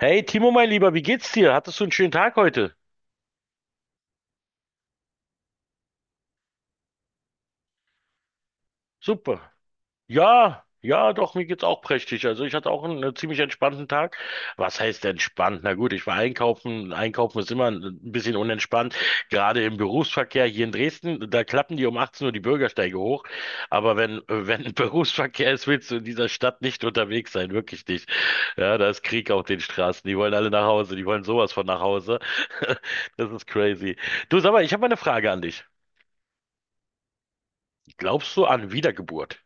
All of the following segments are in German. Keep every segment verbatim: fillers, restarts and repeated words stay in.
Hey Timo, mein Lieber, wie geht's dir? Hattest du einen schönen Tag heute? Super. Ja, ja, doch, mir geht's auch prächtig. Also ich hatte auch einen, äh, ziemlich entspannten Tag. Was heißt entspannt? Na gut, ich war einkaufen. Einkaufen ist immer ein, ein bisschen unentspannt. Gerade im Berufsverkehr hier in Dresden, da klappen die um achtzehn Uhr die Bürgersteige hoch. Aber wenn, äh, wenn Berufsverkehr ist, willst du in dieser Stadt nicht unterwegs sein. Wirklich nicht. Ja, da ist Krieg auf den Straßen. Die wollen alle nach Hause. Die wollen sowas von nach Hause. Das ist crazy. Du, sag mal, ich habe mal eine Frage an dich. Glaubst du an Wiedergeburt?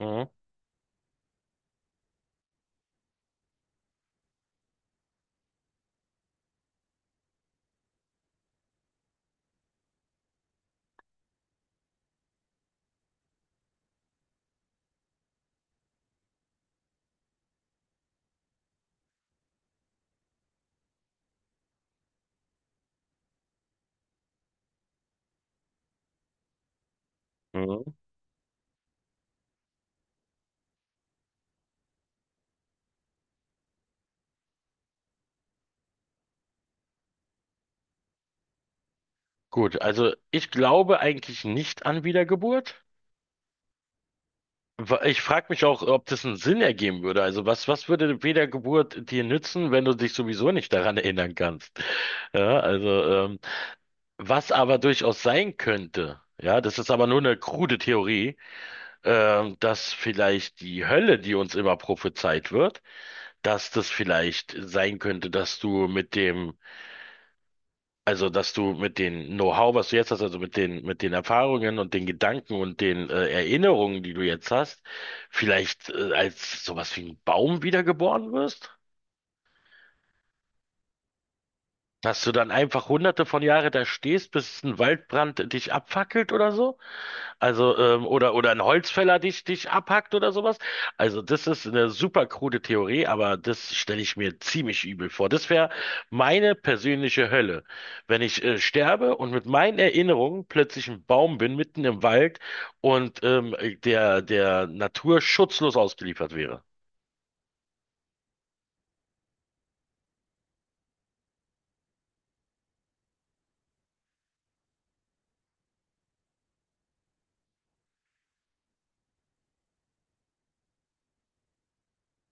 Mhm. Mhm. Gut, also ich glaube eigentlich nicht an Wiedergeburt. Wa- Ich frage mich auch, ob das einen Sinn ergeben würde. Also was, was würde Wiedergeburt dir nützen, wenn du dich sowieso nicht daran erinnern kannst? Ja, also ähm, was aber durchaus sein könnte, ja, das ist aber nur eine krude Theorie, ähm, dass vielleicht die Hölle, die uns immer prophezeit wird, dass das vielleicht sein könnte, dass du mit dem, also dass du mit dem Know-how, was du jetzt hast, also mit den, mit den Erfahrungen und den Gedanken und den äh, Erinnerungen, die du jetzt hast, vielleicht äh, als sowas wie ein Baum wiedergeboren wirst? Dass du dann einfach hunderte von Jahren da stehst, bis ein Waldbrand dich abfackelt oder so? Also, ähm, oder, oder ein Holzfäller dich, dich abhackt oder sowas. Also, das ist eine super krude Theorie, aber das stelle ich mir ziemlich übel vor. Das wäre meine persönliche Hölle, wenn ich äh, sterbe und mit meinen Erinnerungen plötzlich ein Baum bin, mitten im Wald und ähm, der, der Natur schutzlos ausgeliefert wäre.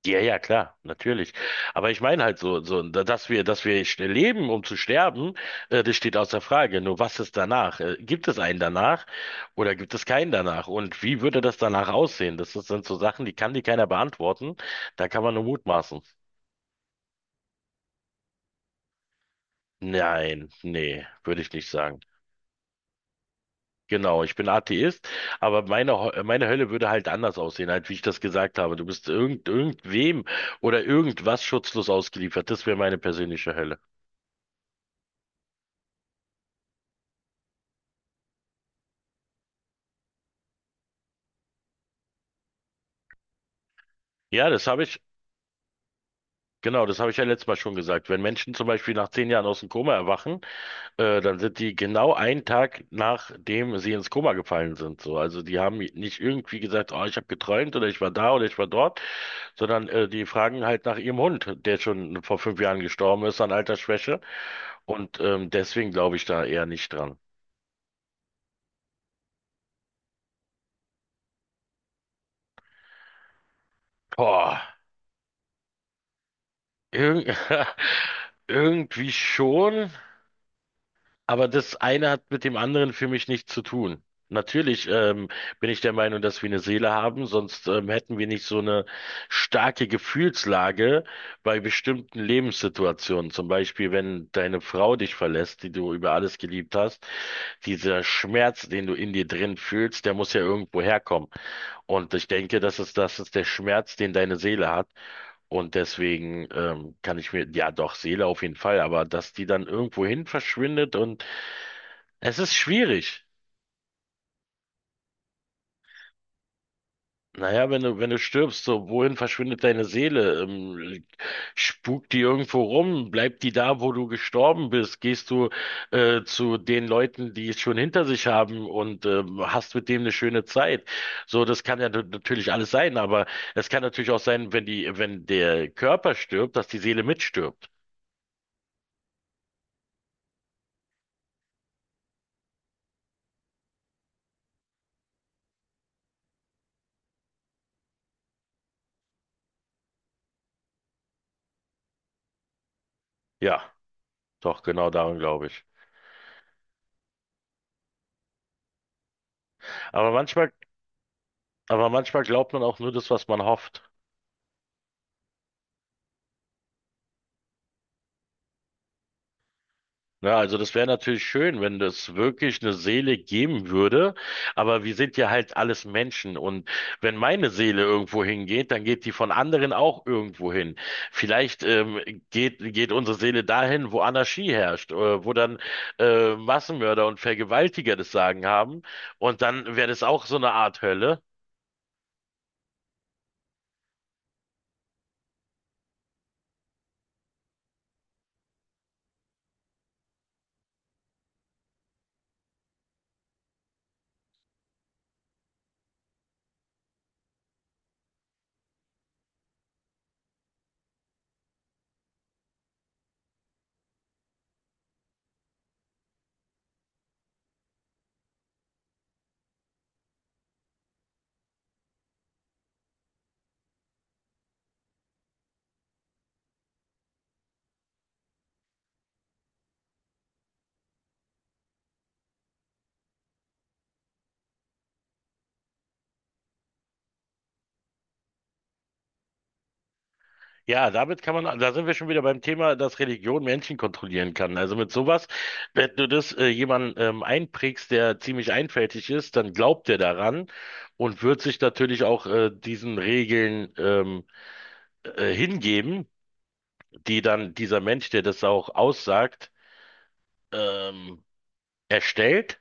Ja, ja, klar, natürlich. Aber ich meine halt so, so, dass wir, dass wir sch- leben, um zu sterben, äh, das steht außer Frage. Nur was ist danach? Äh, gibt es einen danach oder gibt es keinen danach? Und wie würde das danach aussehen? Das ist- sind so Sachen, die kann dir keiner beantworten. Da kann man nur mutmaßen. Nein, nee, würde ich nicht sagen. Genau, ich bin Atheist, aber meine, Ho- äh, meine Hölle würde halt anders aussehen, halt wie ich das gesagt habe. Du bist irgend, irgendwem oder irgendwas schutzlos ausgeliefert. Das wäre meine persönliche Hölle. Ja, das habe ich. Genau, das habe ich ja letztes Mal schon gesagt. Wenn Menschen zum Beispiel nach zehn Jahren aus dem Koma erwachen, äh, dann sind die genau einen Tag nachdem sie ins Koma gefallen sind. So, also die haben nicht irgendwie gesagt, oh, ich habe geträumt oder ich war da oder ich war dort, sondern äh, die fragen halt nach ihrem Hund, der schon vor fünf Jahren gestorben ist an Altersschwäche. Und ähm, deswegen glaube ich da eher nicht dran. Boah, irg irgendwie schon. Aber das eine hat mit dem anderen für mich nichts zu tun. Natürlich ähm, bin ich der Meinung, dass wir eine Seele haben, sonst ähm, hätten wir nicht so eine starke Gefühlslage bei bestimmten Lebenssituationen. Zum Beispiel, wenn deine Frau dich verlässt, die du über alles geliebt hast, dieser Schmerz, den du in dir drin fühlst, der muss ja irgendwo herkommen. Und ich denke, das ist, das ist der Schmerz, den deine Seele hat. Und deswegen ähm, kann ich mir, ja doch, Seele auf jeden Fall, aber dass die dann irgendwohin verschwindet und es ist schwierig. Naja, wenn du, wenn du stirbst, so, wohin verschwindet deine Seele? Ähm, spukt die irgendwo rum? Bleibt die da, wo du gestorben bist? Gehst du äh, zu den Leuten, die es schon hinter sich haben und ähm, hast mit denen eine schöne Zeit? So, das kann ja nat- natürlich alles sein, aber es kann natürlich auch sein, wenn die, wenn der Körper stirbt, dass die Seele mitstirbt. Ja, doch, genau daran glaube ich. Aber manchmal, aber manchmal glaubt man auch nur das, was man hofft. Na, also das wäre natürlich schön, wenn es wirklich eine Seele geben würde, aber wir sind ja halt alles Menschen und wenn meine Seele irgendwo hingeht, dann geht die von anderen auch irgendwo hin. Vielleicht ähm, geht, geht unsere Seele dahin, wo Anarchie herrscht, äh, wo dann äh, Massenmörder und Vergewaltiger das Sagen haben und dann wäre das auch so eine Art Hölle. Ja, damit kann man, da sind wir schon wieder beim Thema, dass Religion Menschen kontrollieren kann. Also mit sowas, wenn du das äh, jemandem ähm, einprägst, der ziemlich einfältig ist, dann glaubt er daran und wird sich natürlich auch äh, diesen Regeln ähm, äh, hingeben, die dann dieser Mensch, der das auch aussagt, ähm, erstellt.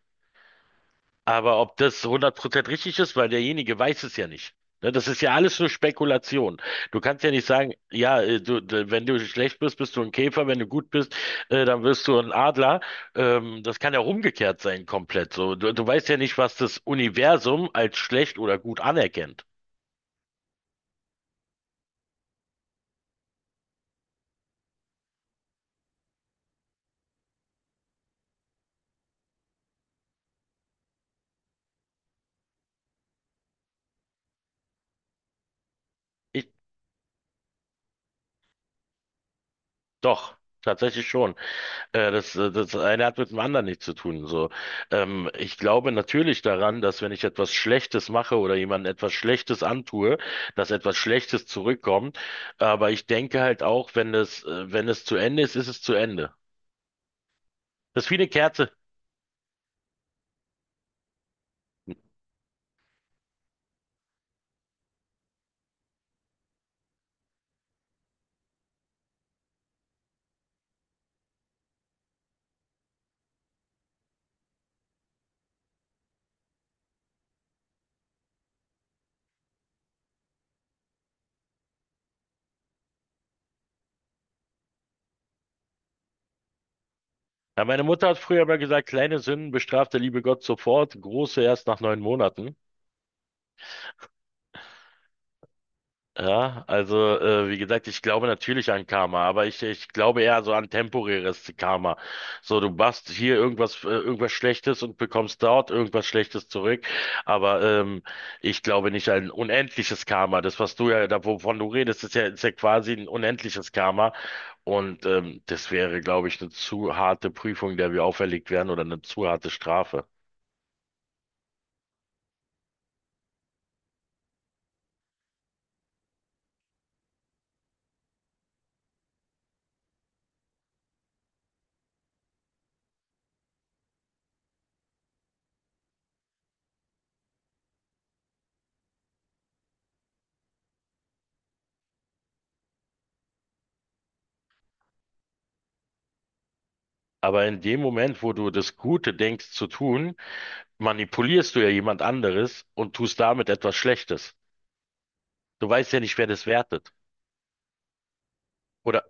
Aber ob das hundert Prozent richtig ist, weil derjenige weiß es ja nicht. Ne, das ist ja alles nur Spekulation. Du kannst ja nicht sagen, ja, äh, du, d- wenn du schlecht bist, bist du ein Käfer, wenn du gut bist, äh, dann wirst du ein Adler. Ähm, das kann ja auch umgekehrt sein, komplett. So, du, du weißt ja nicht, was das Universum als schlecht oder gut anerkennt. Ich, doch, tatsächlich schon. Äh, das, äh, das eine hat mit dem anderen nichts zu tun. So, ähm, ich glaube natürlich daran, dass wenn ich etwas Schlechtes mache oder jemandem etwas Schlechtes antue, dass etwas Schlechtes zurückkommt. Aber ich denke halt auch, wenn es, äh, wenn es zu Ende ist, ist es zu Ende. Das ist wie eine Kerze. Ja, meine Mutter hat früher mal gesagt, kleine Sünden bestraft der liebe Gott sofort, große erst nach neun Monaten. Ja, also äh, wie gesagt, ich glaube natürlich an Karma, aber ich, ich glaube eher so an temporäres Karma. So, du machst hier irgendwas, äh, irgendwas Schlechtes und bekommst dort irgendwas Schlechtes zurück. Aber ähm, ich glaube nicht an unendliches Karma. Das, was du ja, da, wovon du redest, ist ja, ist ja quasi ein unendliches Karma. Und ähm, das wäre, glaube ich, eine zu harte Prüfung, der wir auferlegt werden oder eine zu harte Strafe. Aber in dem Moment, wo du das Gute denkst zu tun, manipulierst du ja jemand anderes und tust damit etwas Schlechtes. Du weißt ja nicht, wer das wertet. Oder,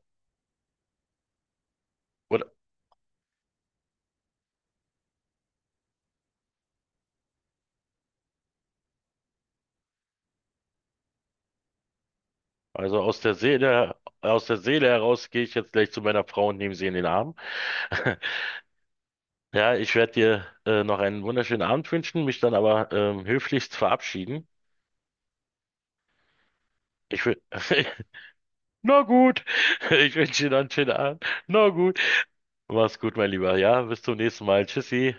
oder, also aus der Seele, aus der Seele heraus gehe ich jetzt gleich zu meiner Frau und nehme sie in den Arm. Ja, ich werde dir äh, noch einen wunderschönen Abend wünschen, mich dann aber ähm, höflichst verabschieden. Ich will, na gut, ich wünsche dir noch einen schönen Abend. Na gut, mach's gut, mein Lieber. Ja, bis zum nächsten Mal. Tschüssi.